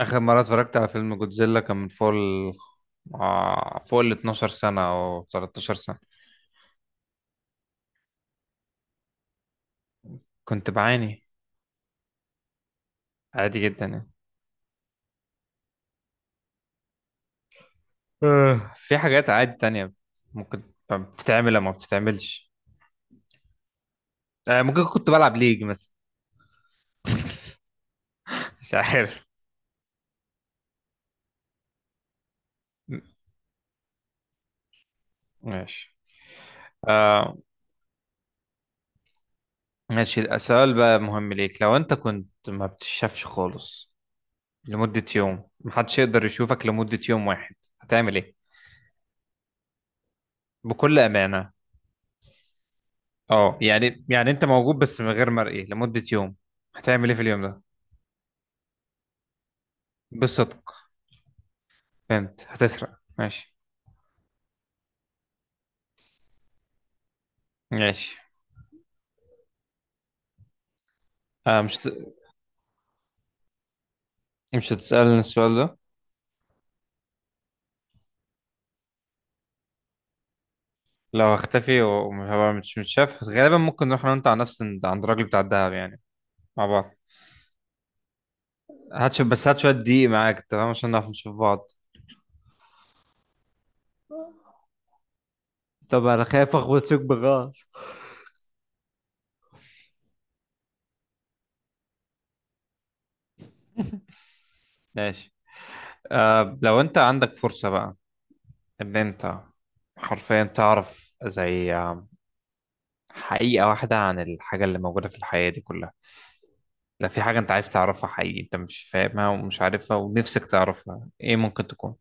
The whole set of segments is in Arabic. آخر مرة اتفرجت على فيلم جودزيلا كان من فوق ال آه، فوق ال 12 سنة أو 13 سنة. كنت بعاني. عادي جدا يعني. في حاجات عادي تانية ممكن بتتعمل أو ما بتتعملش. ممكن كنت بلعب ليج مثلا. مش عارف. م- ماشي. آه ماشي، السؤال بقى مهم ليك، لو أنت كنت ما بتشافش خالص لمدة يوم، محدش يقدر يشوفك لمدة يوم واحد، هتعمل إيه؟ بكل أمانة. يعني انت موجود بس من غير مرئي لمدة يوم، هتعمل ايه في اليوم ده؟ بالصدق. فهمت، هتسرق، ماشي. ماشي. آه مش هت- مش هتسألني السؤال ده؟ لو هختفي ومش هبقى مش متشاف غالبا، ممكن نروح انا وانت على نفس عند الراجل بتاع الدهب يعني، مع بعض. هتشوف بس هات شوية دقيق معاك، تمام، عشان نعرف نشوف بعض. طب انا خايف اخبط فيك بغلط. ماشي. لو انت عندك فرصة بقى ان انت حرفيا تعرف زي حقيقة واحدة عن الحاجة اللي موجودة في الحياة دي كلها، لا، في حاجة انت عايز تعرفها حقيقي، انت مش فاهمها ومش عارفها ونفسك تعرفها، ايه ممكن تكون؟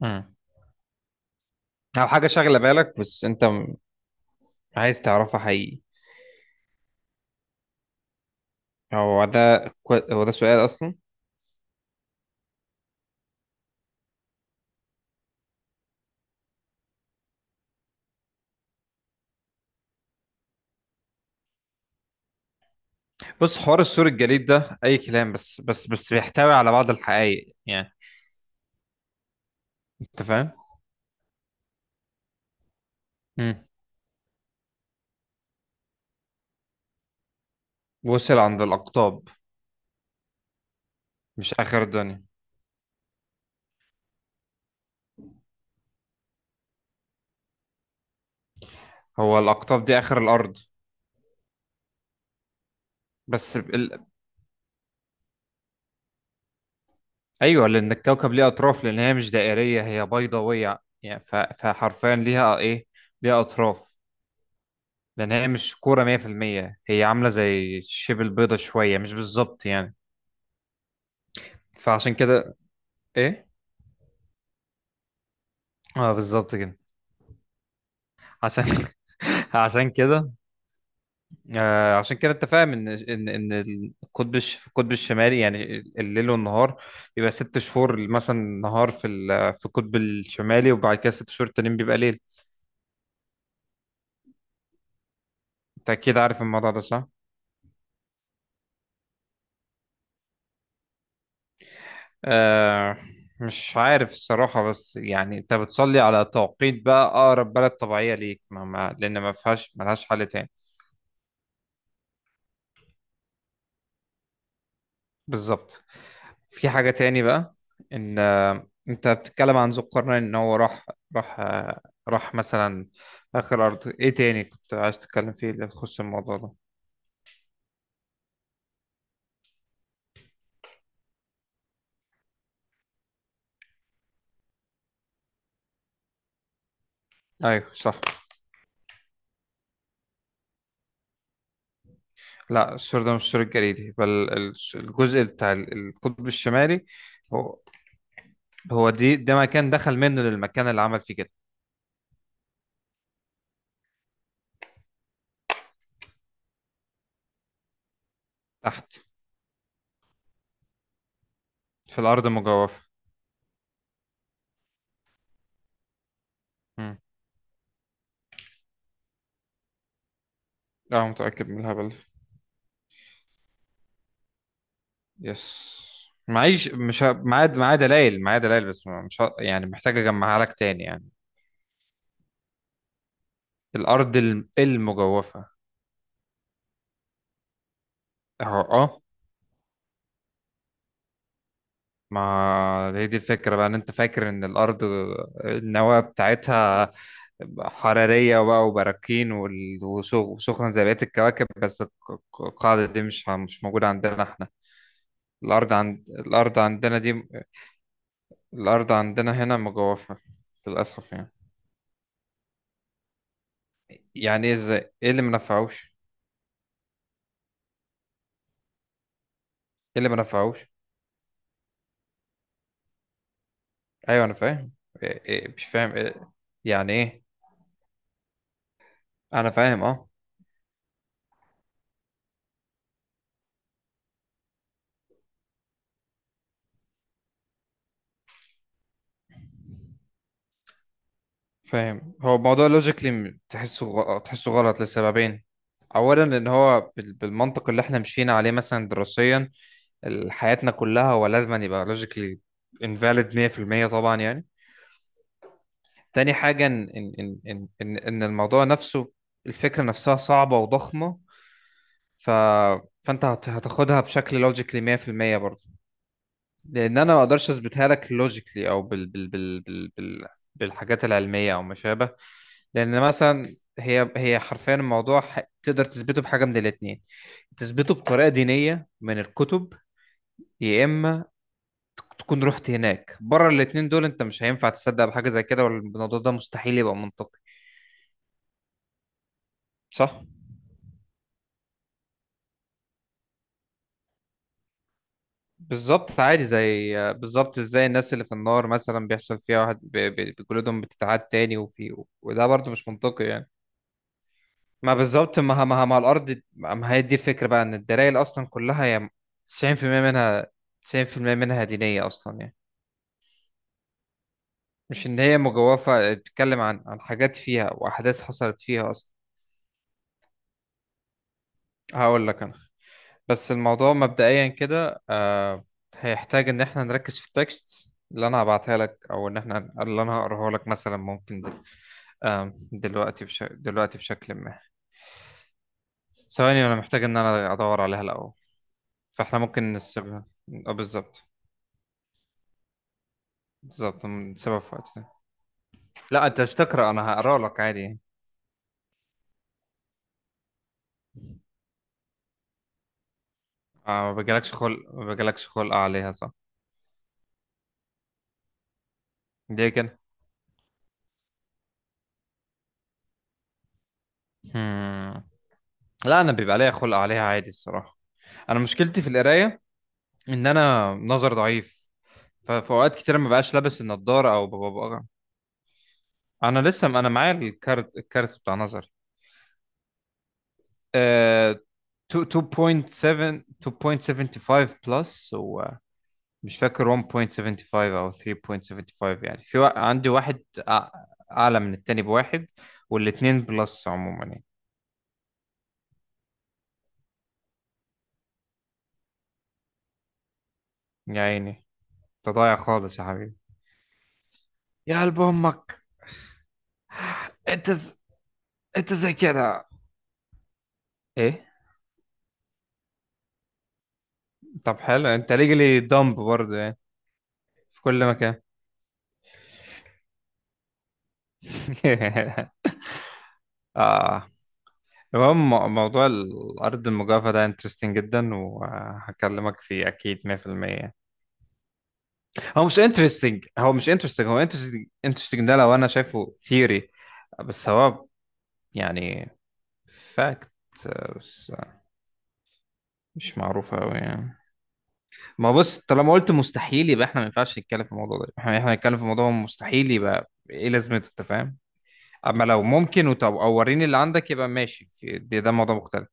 امم او حاجة شاغلة بالك بس انت عايز تعرفها حقيقي. هو ده سؤال اصلا؟ بص، حوار السور الجليد ده اي كلام، بس بيحتوي على بعض الحقائق يعني، انت فاهم. امم وصل عند الاقطاب، مش اخر الدنيا. هو الاقطاب دي اخر الارض؟ بس ب- ال... ايوه، لان الكوكب ليه اطراف، لان هي مش دائرية، هي بيضاوية يعني، فحرفيا ليها ايه، ليها اطراف، لان هي مش كوره 100%، هي عامله زي شبه البيضه شويه، مش بالظبط يعني. فعشان كده. ايه. اه بالظبط كده. عشان عشان كده. عشان كده انت فاهم ان القطب في القطب الشمالي يعني، الليل والنهار بيبقى ست شهور مثلا نهار في القطب الشمالي، وبعد كده ست شهور التانيين بيبقى ليل. انت اكيد عارف الموضوع ده صح؟ آه. مش عارف الصراحة، بس يعني انت بتصلي على توقيت بقى اقرب بلد طبيعية ليك، ما لان ما فيهاش، ملهاش حل تاني. بالظبط. في حاجة تاني بقى، ان انت بتتكلم عن ذو القرنين ان هو راح آه، راح مثلا اخر ارض، ايه تاني كنت عايز تتكلم فيه اللي يخص الموضوع ده؟ ايوه صح. لا، السور ده مش السور الجليدي، بل الجزء بتاع القطب الشمالي، هو هو دي ده مكان دخل منه للمكان اللي عمل فيه كده. تحت. في الأرض مجوفة. مم. لا متأكد من الهبل ده. يس. معيش، مش ه... معايا دلائل، معايا دلائل، بس ما- مش ه... يعني محتاج أجمعها لك تاني يعني. الأرض المجوفة، أهو أه. ما هي دي الفكرة بقى، إن أنت فاكر إن الأرض، النواة بتاعتها حرارية بقى وبراكين وسخن زي بقية الكواكب، بس القاعدة دي مش موجودة عندنا إحنا. الأرض عندنا دي، الأرض عندنا هنا مجوفة، للأسف يعني. يعني ايه ازاي، ايه اللي ما نفعوش؟ ايه اللي ما نفعوش؟ ايوه انا فاهم. إيه مش فاهم إيه. يعني ايه. انا فاهم اه. فاهم، هو الموضوع لوجيكلي تحسه غلط لسببين: اولا ان هو بالمنطق اللي احنا مشينا عليه مثلا دراسيا حياتنا كلها، هو لازم أن يبقى لوجيكلي انفاليد 100% طبعا يعني. تاني حاجه، ان إن الموضوع نفسه، الفكره نفسها صعبه وضخمه، ف فانت هتاخدها بشكل لوجيكلي 100% برضه، لان انا ما اقدرش اثبتها لك لوجيكلي او بال بالحاجات العلميه او ما شابه. لان مثلا، هي حرفيا الموضوع تقدر تثبته بحاجه من الاثنين: تثبته بطريقه دينيه من الكتب، يا اما تكون رحت هناك. بره الاثنين دول انت مش هينفع تصدق بحاجه زي كده، والموضوع ده مستحيل يبقى منطقي، صح. بالظبط، عادي، زي بالظبط ازاي الناس اللي في النار مثلا بيحصل فيها واحد بجلودهم بتتعاد تاني وفي، وده برضه مش منطقي يعني. ما بالظبط، ما ما ما الارض ما هي دي الفكره بقى، ان الدلائل اصلا كلها هي 90% منها 90% منها دينيه اصلا يعني. مش ان هي مجوفه، بتتكلم عن حاجات فيها واحداث حصلت فيها اصلا. هقول لك انا، بس الموضوع مبدئيا كده هيحتاج ان احنا نركز في التكست اللي انا هبعتها لك، او ان احنا، اللي انا هقراها لك مثلا، ممكن دل... آه دلوقتي بشكل ما، ثواني انا محتاج ان انا ادور عليها الاول. فاحنا ممكن نسيبها. اه بالظبط. بالظبط، من سبب في وقتنا. لا، انت مش تقرا، انا هقرا لك عادي يعني. ما بيجيلكش خلق عليها، صح. دي كده. هم. لا، انا بيبقى ليا خلق عليها عادي الصراحه، انا مشكلتي في القرايه ان انا نظر ضعيف. ففي اوقات كتير ما بقاش لابس النضاره او ببقى. انا لسه معايا الكارت، بتاع نظري. آه، 2.75 بلس، و مش فاكر 1.75 او 3.75 يعني، في عندي واحد اعلى من التاني بواحد، والاتنين بلس عموما يعني. يا عيني، انت ضايع خالص يا حبيبي، يا قلب امك. انت ز... انت زي كده، ايه، طب حلو، انت ليجلي دمب برضه يعني، في كل مكان. اه، المهم موضوع الارض المجاوفة ده انترستنج جدا، وهكلمك فيه اكيد 100%. هو مش انترستنج، هو انترستنج، انترستنج ده لو انا شايفه ثيوري، بس هو يعني فاكت، بس مش معروف قوي يعني. ما بص، طالما قلت مستحيل يبقى احنا ما ينفعش نتكلم في الموضوع ده، احنا نتكلم في موضوع مستحيل، يبقى ايه لازمته؟ انت فاهم. اما لو ممكن، وطب او وريني اللي عندك، يبقى ماشي، ده موضوع مختلف.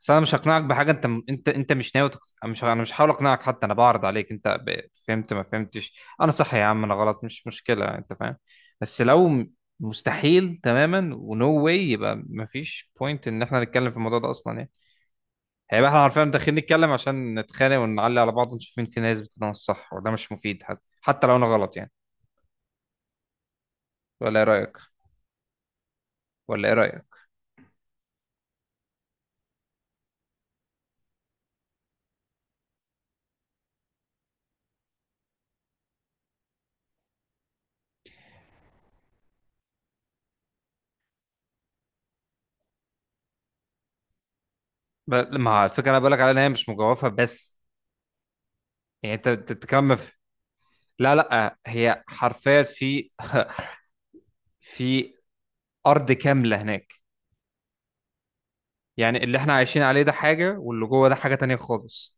بس انا مش هقنعك بحاجه، انت مش ناوي مش، انا مش هحاول اقنعك حتى، انا بعرض عليك انت فهمت، ما فهمتش، انا صح يا عم، انا غلط، مش مشكله، انت فاهم. بس مستحيل تماما ونو واي، يبقى مفيش بوينت ان احنا نتكلم في الموضوع ده اصلا يعني. هيبقى احنا عارفين داخلين نتكلم عشان نتخانق ونعلي على بعض ونشوف مين فينا يثبت ان انا الصح، وده مش مفيد، حتى لو انا غلط يعني. ولا ايه رايك؟ ولا ايه رايك؟ ما الفكره انا بقولك عليها ان هي مش مجوفه بس، يعني انت تتكمل. لا لا، هي حرفيا في في ارض كامله هناك، يعني اللي احنا عايشين عليه ده حاجه، واللي جوه ده حاجه تانية خالص.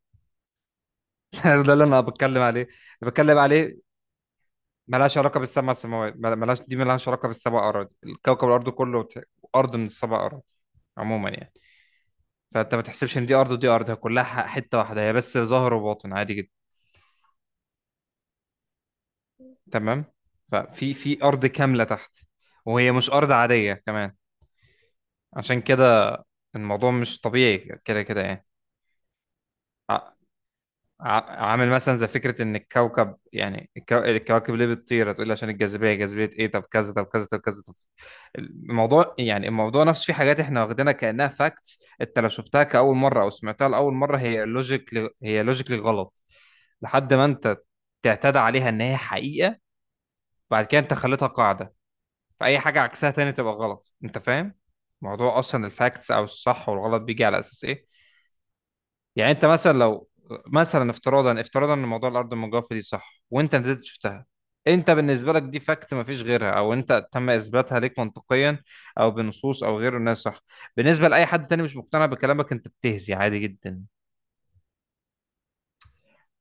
ده اللي انا بتكلم عليه، اللي بتكلم عليه. ملهاش علاقه بالسبع سماوات، ملهاش علاقه بالسبع اراضي، الكوكب الارض كله ارض من السبع اراضي عموما يعني. فانت ما تحسبش ان دي ارض ودي ارض، هي كلها حته واحده، هي بس ظاهر وباطن، عادي جدا. تمام. في ارض كامله تحت، وهي مش ارض عاديه كمان، عشان كده الموضوع مش طبيعي كده كده يعني. عامل مثلا زي فكرة إن الكوكب، يعني الكواكب ليه بتطير؟ هتقول لي عشان الجاذبية، جاذبية إيه؟ طب كذا، طب كذا، طب كذا، طب الموضوع، يعني الموضوع نفسه، في حاجات إحنا واخدينها كأنها فاكتس، أنت لو شفتها كأول مرة أو سمعتها لأول مرة هي لوجيكلي غلط، لحد ما أنت تعتاد عليها إن هي حقيقة. بعد كده أنت خليتها قاعدة، فأي حاجة عكسها تاني تبقى غلط، أنت فاهم؟ موضوع أصلا الفاكتس أو الصح والغلط بيجي على أساس إيه؟ يعني انت مثلا لو مثلا، افتراضا ان موضوع الارض المجوفه دي صح، وانت نزلت شفتها، انت بالنسبه لك دي فاكت مفيش غيرها، او انت تم اثباتها ليك منطقيا او بنصوص او غيره انها صح. بالنسبه لاي حد تاني مش مقتنع بكلامك، انت بتهزي عادي جدا.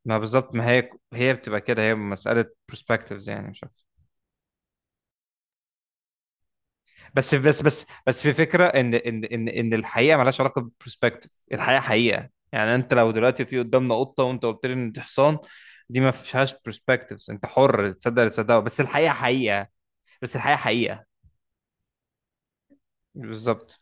ما بالظبط، ما هي بتبقى كده، هي مساله برسبكتيفز يعني، مش عارف. بس في فكره ان الحقيقه ملهاش علاقه بالبرسبكتيف، الحقيقه حقيقه يعني، انت لو دلوقتي في قدامنا قطه وانت قلت لي ان دي حصان، دي ما فيهاش برسبكتيفز، انت حر تصدق اللي تصدقه، بس الحقيقه حقيقه. بس الحقيقه حقيقه. بالظبط.